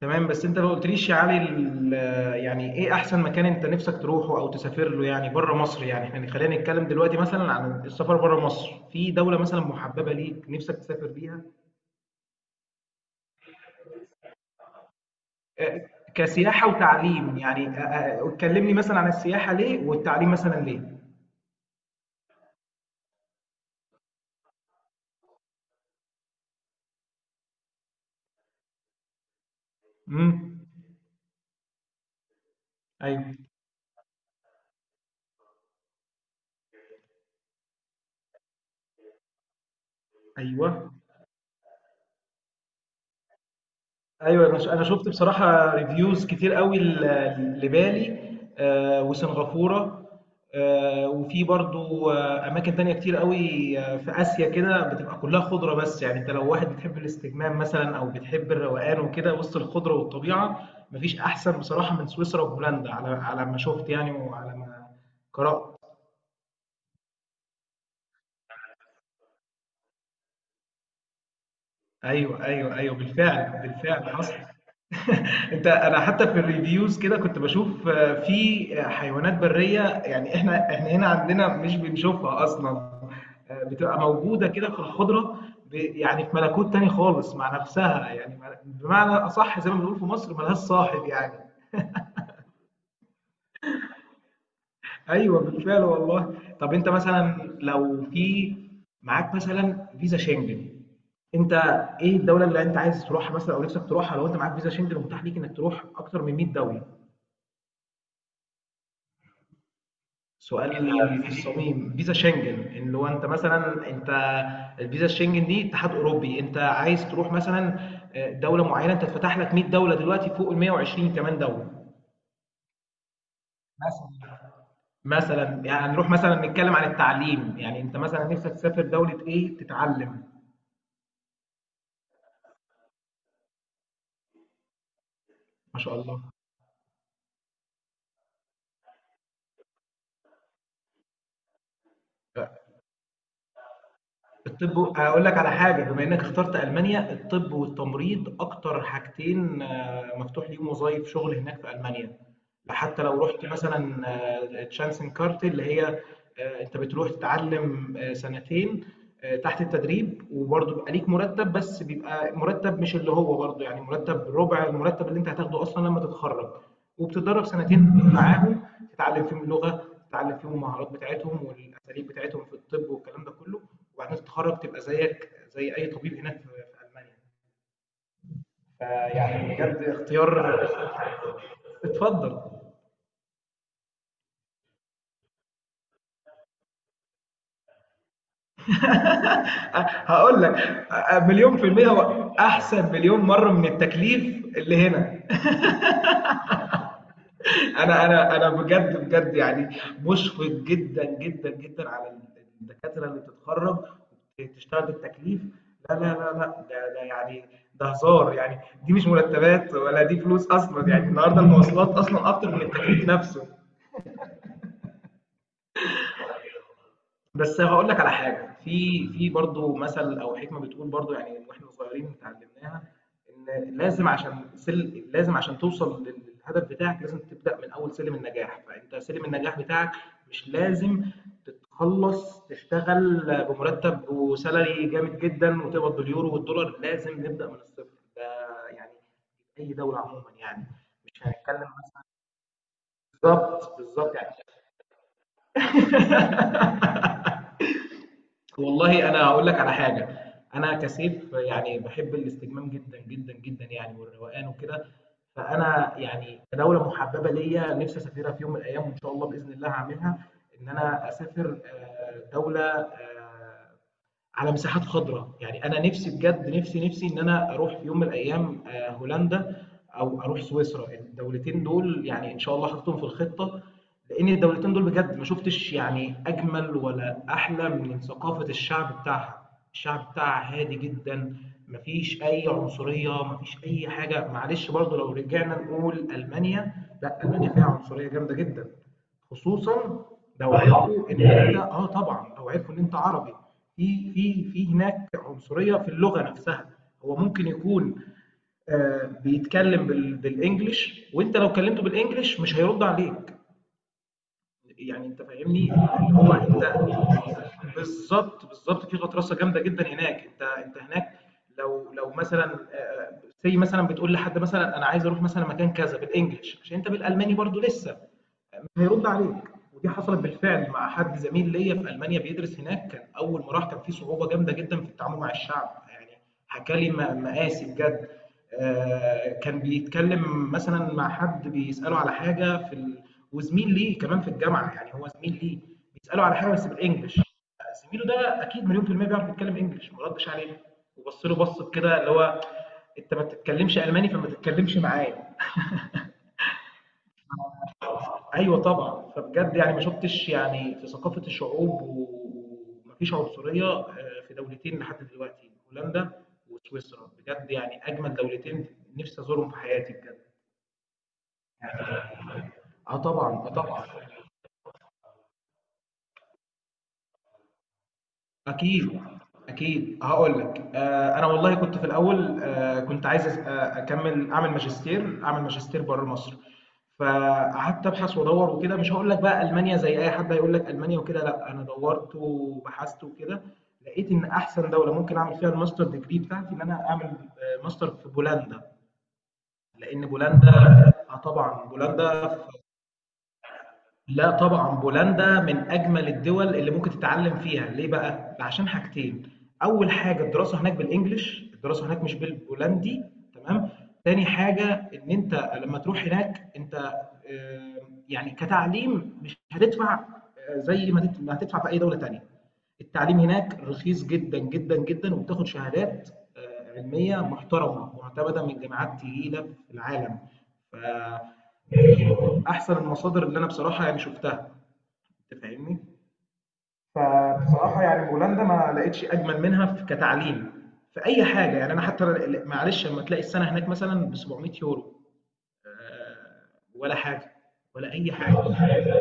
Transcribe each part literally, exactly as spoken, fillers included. تمام، بس انت ما قلتليش يا علي ال- يعني ايه احسن مكان انت نفسك تروحه او تسافر له، يعني بره مصر. يعني احنا خلينا نتكلم دلوقتي مثلا عن السفر بره مصر، في دولة مثلا محببة ليك نفسك تسافر بيها؟ آه، كسياحة وتعليم يعني. آه، آه، اتكلمني مثلا عن السياحة ليه والتعليم مثلا ليه. امم. ايوه، ايوه، ايوه. انا ش- أنا شفت بصراحه ريفيوز كتير قوي ل- لبالي، آه، وسنغافوره، آه، وفي برضو آه، اماكن تانية كتير قوي، آه، في اسيا كده بتبقى كلها خضره. بس يعني انت لو واحد بتحب الاستجمام مثلا او بتحب الروقان وكده وسط الخضره والطبيعه، مفيش احسن بصراحه من سويسرا وهولندا، على على ما شفت يعني، وعلى ما قرات. ايوه، ايوه، ايوه، بالفعل، بالفعل حصل. انت انا حتى في الريفيوز كده كنت بشوف آه، في حيوانات بريه. يعني احنا احنا هنا عندنا مش بنشوفها اصلا. آه، بتبقى موجوده كده في الخضره. ب- يعني في ملكوت تاني خالص مع نفسها، يعني بمعنى اصح زي ما بنقول في مصر، ملهاش صاحب يعني. ايوه، بالفعل والله. طب انت مثلا لو في معاك مثلا فيزا شنجن، انت ايه الدوله اللي انت عايز تروحها مثلا او نفسك تروحها لو انت معاك فيزا شنجن ومتاح ليك انك تروح اكتر من مائة دوله؟ سؤال فيزا في فيزا ايه؟ الصميم فيزا شنجن، ان لو انت مثلا انت الفيزا الشنجن دي اتحاد اوروبي، انت عايز تروح مثلا آه، دوله معينه، انت اتفتح لك مائة دوله دلوقتي، فوق ال مية وعشرين كمان دوله مثلا. مثلا يعني نروح مثلا نتكلم عن التعليم، يعني انت مثلا نفسك تسافر دوله ايه تتعلم؟ ما شاء الله. الطب هقول لك على حاجة، بما انك اخترت ألمانيا، الطب والتمريض اكتر حاجتين آه، مفتوح ليهم وظائف شغل هناك في ألمانيا. حتى لو رحت مثلا آه، تشانسن كارت اللي هي آه، انت بتروح تتعلم آه، سنتين آه، تحت التدريب، وبرضه بيبقى ليك مرتب، بس بيبقى مرتب مش اللي هو، برضه يعني مرتب ربع المرتب اللي انت هتاخده اصلا لما تتخرج، وبتتدرب سنتين معاهم، تتعلم فيهم اللغه، تتعلم فيهم المهارات بتاعتهم والاساليب بتاعتهم في الطب والكلام ده كله، وبعدين تتخرج تبقى زيك زي اي طبيب هناك في في المانيا. فيعني بجد اختيار. اتفضل. هقول لك، مليون في المية هو أحسن مليون مرة من التكليف اللي هنا. انا انا انا بجد، بجد، يعني مشفق جدا، جدا، جدا على الدكاتره اللي بتتخرج وبتشتغل بالتكليف. لا لا لا لا، ده ده يعني ده هزار يعني، دي مش مرتبات ولا دي فلوس اصلا. يعني النهارده المواصلات اصلا اكتر من التكليف نفسه. بس هاقول لك على حاجة، في في برضه مثل أو حكمة بتقول برضه، يعني من وإحنا صغيرين اتعلمناها، إن لازم، عشان سل لازم عشان توصل للهدف بتاعك لازم تبدأ من أول سلم النجاح. فأنت سلم النجاح بتاعك مش لازم تتخلص تشتغل بمرتب وsalary جامد جدًا وتقبض باليورو والدولار. لازم نبدأ من الصفر. ده يعني في أي دولة عمومًا يعني، مش هنتكلم مثلًا. بالضبط، بالضبط يعني. والله انا هقول لك على حاجه. انا كسيف يعني بحب الاستجمام جدا، جدا، جدا يعني، والروقان وكده. فانا يعني كدوله محببه ليا نفسي اسافرها في يوم من الايام، وان شاء الله باذن الله هعملها، ان انا اسافر آه، دوله آه، على مساحات خضراء. يعني انا نفسي بجد، نفسي، نفسي ان انا اروح في يوم من الايام آه، هولندا او اروح سويسرا. الدولتين دول يعني ان شاء الله حاططهم في الخطه، لان الدولتين دول بجد ما شفتش يعني اجمل ولا احلى من ثقافه الشعب بتاعها. الشعب بتاعها هادي جدا، مفيش اي عنصريه، مفيش اي حاجه. معلش برضو لو رجعنا نقول المانيا، لا، المانيا فيها عنصريه جامده جدا، خصوصا لو أيوه. عرفوا ان انت، اه طبعا لو عرفوا ان انت عربي، في في في هناك عنصريه في اللغه نفسها. هو ممكن يكون آه بيتكلم بال- بالانجلش، وانت لو كلمته بالانجلش مش هيرد عليك. يعني أنت فاهمني؟ اللي هو أنت، بالضبط، بالضبط، في غطرسة جامدة جدًا هناك. أنت أنت هناك لو لو مثلًا آآ say مثلًا بتقول لحد مثلًا أنا عايز أروح مثلًا مكان كذا بالEnglish، عشان أنت بالألماني برضه لسه، هيرُد عليك. ودي حصلت بالفعل مع حد زميل ليّا في ألمانيا بيدرس هناك، كان أول ما راح كان في صعوبة جامدة جدًا في التعامل مع الشعب. يعني حكى لي م مآسي بجد. آه، كان بيتكلم مثلا مع حد بيسأله على حاجة في ال... وزميل ليه كمان في الجامعة، يعني هو زميل ليه، بيسأله على حاجة بس بالإنجلش. زميله ده أكيد مليون في المية بيعرف يتكلم إنجلش، ما ردش عليه وبص له بصة كده اللي هو، أنت ما بتتكلمش ألماني، فما تتكلمش معايا. أيوه طبعا. فبجد يعني ما شفتش يعني في ثقافة الشعوب، و- ومفيش عنصرية آه، في دولتين لحد دلوقتي، هولندا وسويسرا. بجد يعني أجمل دولتين، نفسي أزورهم في حياتي بجد. اه طبعا، اه طبعا. اكيد، اكيد. هقول لك، آه انا والله كنت في الاول آه كنت عايز أس- آه، اكمل، اعمل ماجستير اعمل ماجستير بره مصر، فقعدت ابحث وادور وكده. مش هقول لك بقى المانيا زي اي حد هيقول لك المانيا وكده، لا، انا دورت وبحثت وكده، لقيت ان احسن دوله ممكن اعمل فيها الماستر ديجري بتاعتي، ان انا اعمل آه، ماستر في بولندا. لان بولندا، اه طبعا بولندا، لا طبعًا بولندا من أجمل الدول اللي ممكن تتعلم فيها. ليه بقى؟ عشان حاجتين، أول حاجة الدراسة هناك بالإنجلش، الدراسة هناك مش بالبولندي، تمام؟ تاني حاجة إن أنت لما تروح هناك أنت، آآ يعني كتعليم مش هتدفع آآ زي ما هتد ما هتدفع في أي دولة تانية. التعليم هناك رخيص جدًا، جدًا، جدًا، وبتاخد شهادات آآ علمية محترمة، مُعتمدة من جامعات تقيلة في العالم، ف أحسن المصادر اللي أنا بصراحة يعني شُفتها. أنت فاهمني؟ فبصراحة يعني بولندا ما لقيتش أجمل منها ف كتعليم، في أي حاجة. يعني أنا حتى ال معلش لمّا تلاقي السَنة هناك مثلًا ب700€ آآ ولا حاجة، ولا أي حاجة.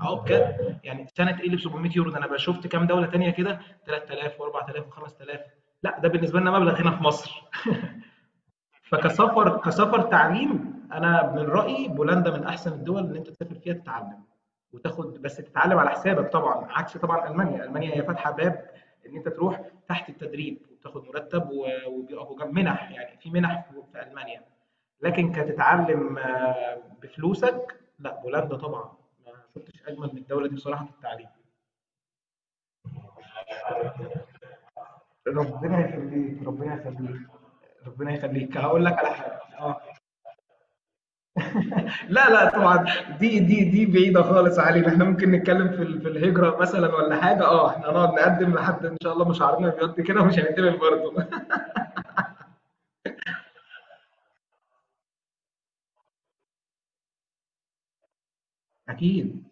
آه بجد، يعني سَنة إيه اللي ب700€ ده؟ أنا بقى شُفت كام دولة تانية كده تلات آلاف و4000 و5000. لأ، ده بالنسبة لنا مبلغ هنا في مصر. فكسفر، كسفر تعليم، انا من رايي بولندا من احسن الدول اللي انت تسافر فيها تتعلم وتاخد، بس تتعلم على حسابك طبعا، عكس طبعا المانيا. المانيا هي فاتحه باب ان انت تروح تحت التدريب وتاخد مرتب، و- وبيقفوا جنب منح، يعني في منح في في المانيا، لكن كتتعلم آه، بفلوسك لا، بولندا طبعا ما شفتش اجمل من الدوله دي بصراحه في التعليم. ربنا يخليك، ربنا يخليك. ربنا يخليك، هقول لك على حاجه. اه لا، لا طبعًا، دي دي دي بعيدة خالص علينا. إحنا ممكن نتكلّم في ال في الهجرة مثلًا والّا حاجة. آه، إحنا هنقعد نقدّم لحد إن شاء الله مشاعرنا بيض كده ومش هنتقبل برضه. أكيد.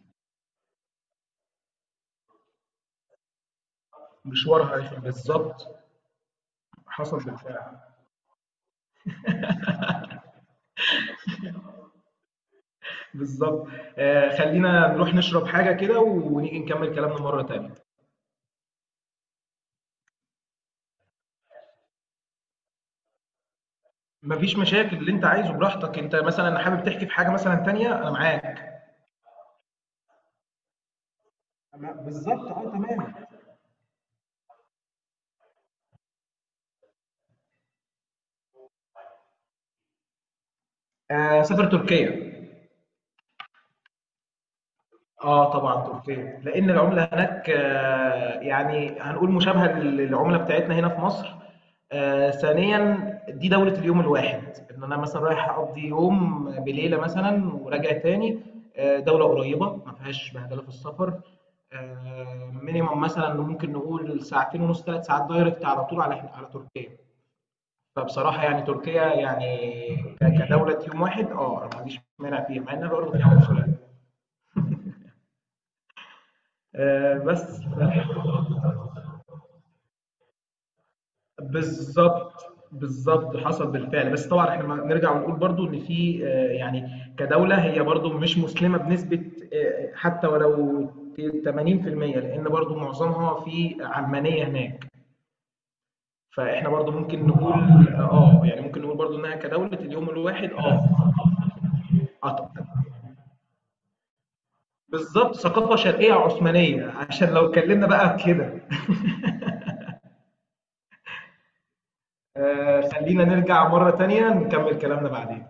مشوارها هيفرق بالضبط. حصل بالفعل. بالضبط. آآ خلّينا نروح نشرب حاجة كده ونيجي نكمّل كلامنا مرّة تانية. ما فيش مشاكل، اللي أنت عايزه براحتك. أنت مثلًا حابب تحكي في حاجة مثلًا تانية، أنا معاك. تما بالضبط، آه، تمام. آآ سافر تركيا. آه طبعًا تركيا، لإن العملة هناك آه، يعني هنقول مشابهة لل للعملة بتاعتنا هنا في مصر. آآ ثانيًا دي دولة اليوم الواحد، إن أنا مثلًا رايح أقضي يوم بليلة مثلًا وراجع تاني. آآ دولة قريبة ما فيهاش بهدلة في السفر. آآ minimum مثلًا ممكن نقول ساعتين ونُص تلات ساعات direct على طول على ح على تركيا. فبصراحة يعني تركيا يعني ك كدولة يوم واحد، آه، أنا ما عنديش مانع فيها، مع إنها برضه فيها عنصرية. آآ بس ف بالضبط، بالضبط، حصل بالفعل. بس طبعًا إحنا ما نرجع ونقول برضه إن في آآ يعني كدولة هي برضه مش مسلمة بنسبة آآ حتى ولو ت تمانين في المية، لإن برضه معظمها في علمانية هناك. فإحنا برضه ممكن نقول آه، يعني ممكن نقول برضه إنها كدولة اليوم الواحد. آه، أط بالضبط، ثقافة شرقية عثمانية، عشان لو اتكلمنا بقى كده. آآ خلّينا نرجع مرة تانية نكمل كلامنا بعدين.